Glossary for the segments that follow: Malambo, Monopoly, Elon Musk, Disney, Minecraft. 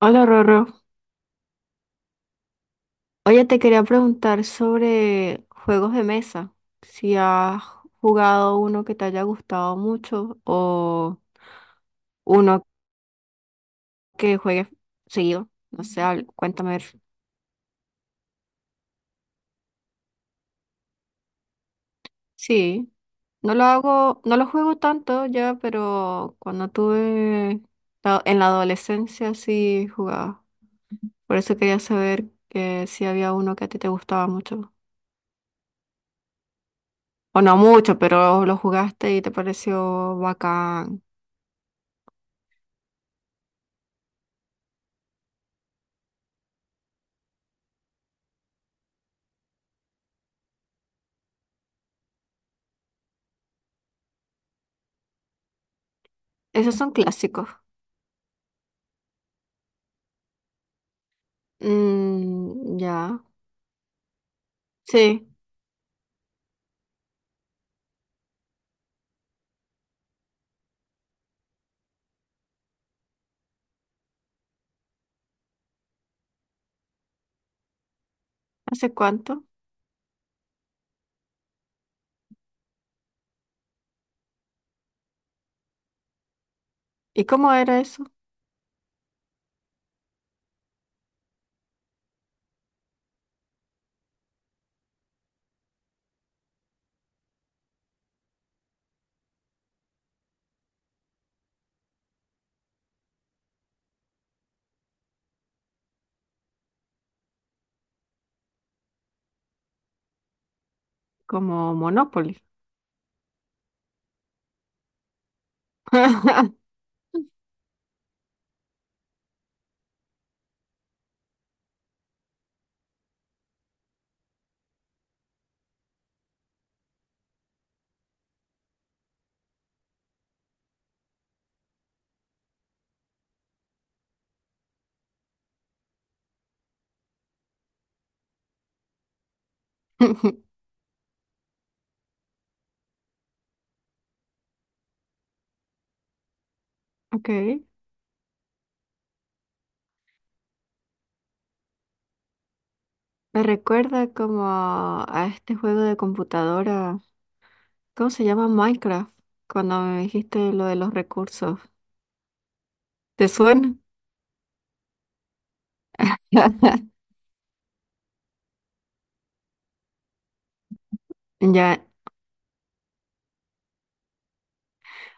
Hola, Rorro. Oye, te quería preguntar sobre juegos de mesa. Si has jugado uno que te haya gustado mucho o uno que juegues seguido. No sé, al- cuéntame. Sí, no lo hago, no lo juego tanto ya, pero cuando tuve la- en la adolescencia sí jugaba. Por eso quería saber que si había uno que a ti te gustaba mucho. O no mucho, pero lo jugaste y te pareció bacán. Esos son clásicos. Mm, ya. Sí. ¿Hace cuánto? ¿Y cómo era eso? Como Monopoly. Ok. Me recuerda como a este juego de computadora. ¿Cómo se llama? Minecraft. Cuando me dijiste lo de los recursos. ¿Te suena? Ya.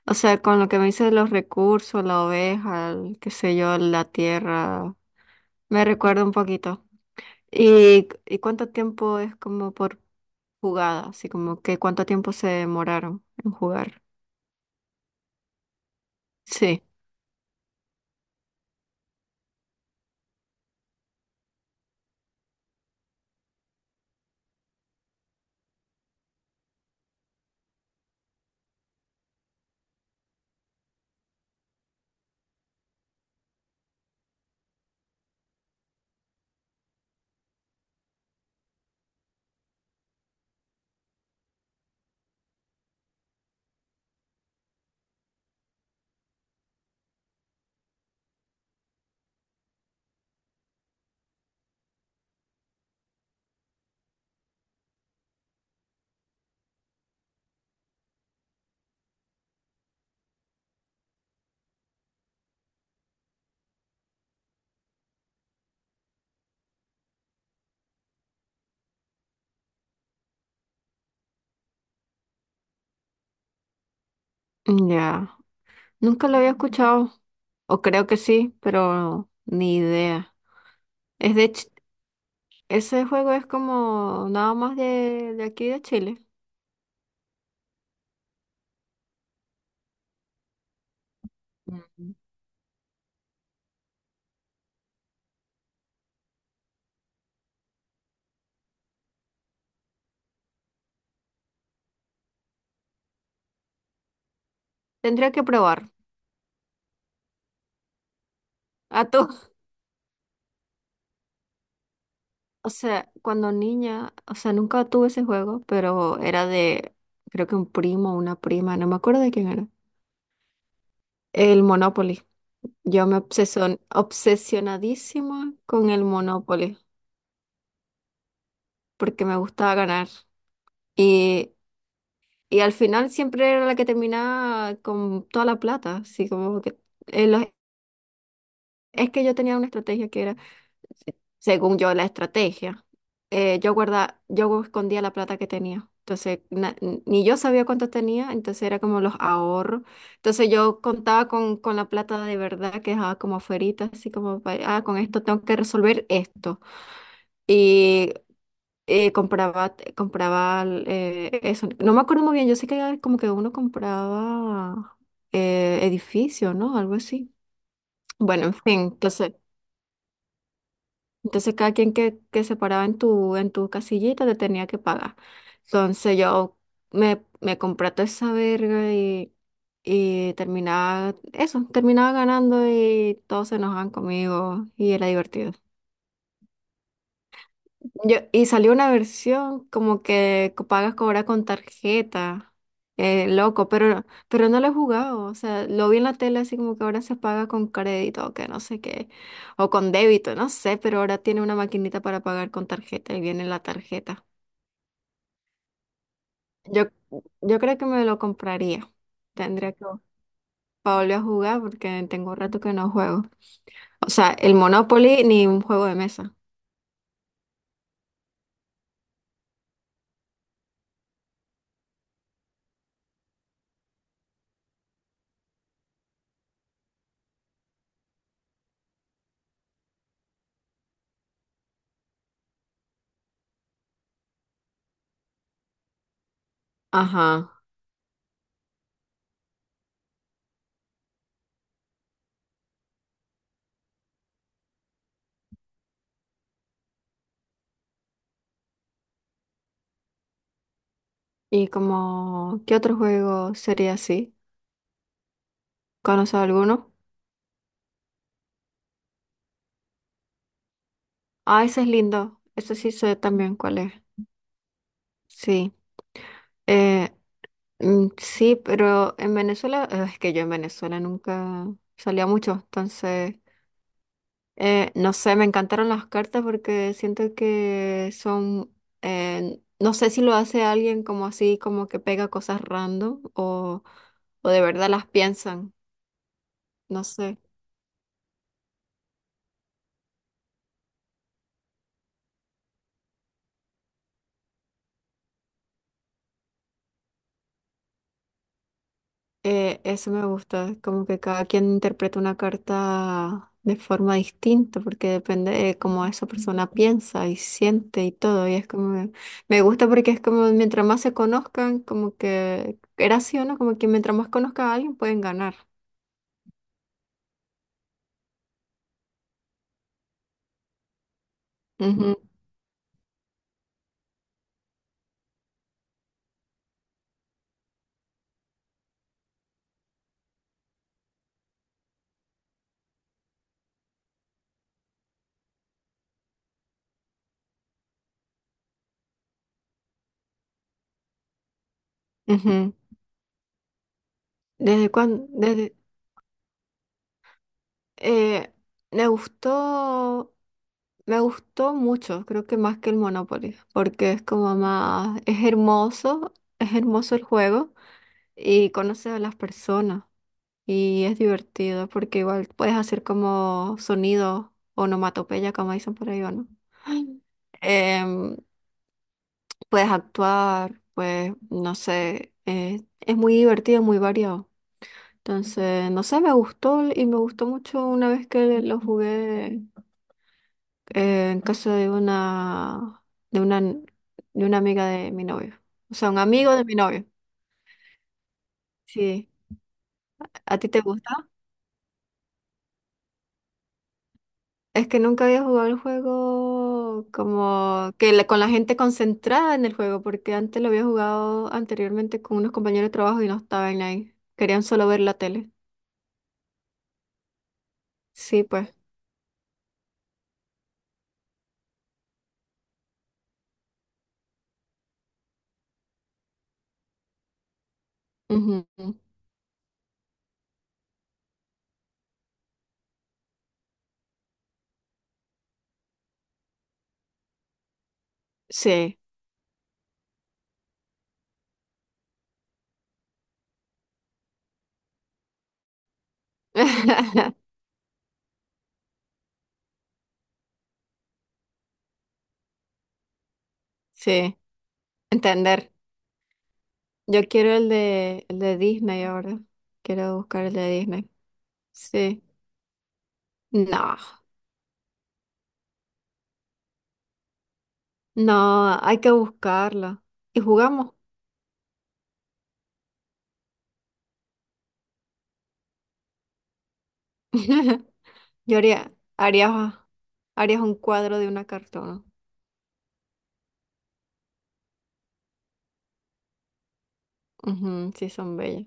O sea, con lo que me dices de los recursos, la oveja, el, qué sé yo, la tierra. Me recuerda un poquito. Y cuánto tiempo es como por jugada, así como que cuánto tiempo se demoraron en jugar? Sí, ya. Nunca lo había escuchado, o creo que sí, pero ni idea. Es de Ch- ese juego es como nada más de aquí de Chile. Mm. Tendría que probar. A tú, o sea, cuando niña, o sea, nunca tuve ese juego, pero era de, creo que un primo o una prima, no me acuerdo de quién era. El Monopoly. Yo me obsesion- obsesionadísima con el Monopoly. Porque me gustaba ganar. Y, y al final siempre era la que terminaba con toda la plata, así como que... los- es que yo tenía una estrategia que era, según yo, la estrategia. Yo guarda, yo escondía la plata que tenía. Entonces, na- ni yo sabía cuánto tenía, entonces era como los ahorros. Entonces yo contaba con la plata de verdad que dejaba como afuerita, así como, pa- ah, con esto tengo que resolver esto. Y compraba, compraba eso. No me acuerdo muy bien, yo sé que era como que uno compraba edificio, ¿no? Algo así. Bueno, en fin, entonces, entonces cada quien que se paraba en tu casillita te tenía que pagar. Entonces yo me compré toda esa verga y terminaba, eso, terminaba ganando y todos se enojaban conmigo y era divertido. Yo, y salió una versión como que co- pagas cobrar con tarjeta. Loco, pero no lo he jugado. O sea, lo vi en la tele así como que ahora se paga con crédito o que no sé qué. O con débito, no sé, pero ahora tiene una maquinita para pagar con tarjeta y viene la tarjeta. Yo, yo creo que me lo compraría. Tendría que para volver a jugar porque tengo rato que no juego. O sea, el Monopoly ni un juego de mesa. Ajá. ¿Y como qué otro juego sería así? ¿Conoces alguno? Ah, ese es lindo. Ese sí sé también cuál es. Sí. Eh, mm, sí, pero en Venezuela, es que yo en Venezuela nunca salía mucho, entonces, no sé, me encantaron las cartas porque siento que son, no sé si lo hace alguien como así, como que pega cosas random o de verdad las piensan, no sé. Eso me gusta, como que cada quien interpreta una carta de forma distinta, porque depende de cómo esa persona piensa y siente y todo. Y es como, me gusta porque es como mientras más se conozcan, como que era así o no, como que mientras más conozca a alguien pueden ganar. Ujú, ujú. Desde cuándo desde, eh, me gustó, me gustó mucho, creo que más que el Monopoly, porque es como más, es hermoso el juego. Y conoces a las personas y es divertido porque igual puedes hacer como sonido, onomatopeya, como dicen por ahí, ¿o no? Em, puedes actuar, pues no sé, es muy divertido, muy variado. Entonces, no sé, me gustó y me gustó mucho una vez que lo jugué en casa de una, de una, de una amiga de mi novio. O sea, un amigo de mi novio. Sí. ¿A ti te gusta? Es que nunca había jugado el juego como que la- con la gente concentrada en el juego, porque antes lo había jugado anteriormente con unos compañeros de trabajo y no estaban ahí. Querían solo ver la tele. Sí, pues. Ujú. Sí. Sí. Entender. Yo quiero el de Disney ahora. Quiero buscar el de Disney. Sí. No. No, hay que buscarlo. Y jugamos. Yo haría, haría, harías un cuadro de una cartona. Ujú, sí, son bellas.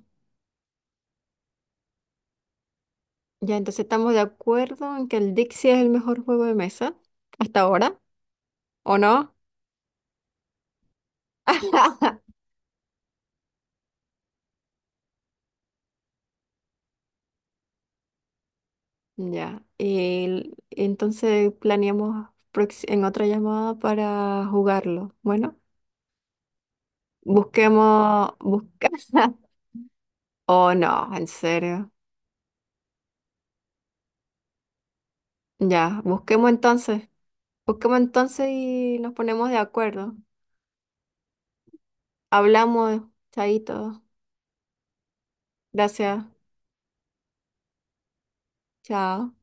Ya, entonces estamos de acuerdo en que el Dixie es el mejor juego de mesa hasta ahora, ¿o no? Ya. El- entonces planeamos prox- en otra llamada para jugarlo. Bueno, busquemos, busca. Oh, no, ¿en serio? Ya, busquemos entonces. Busquemos entonces y nos ponemos de acuerdo. Hablamos, chaito. Gracias, chao.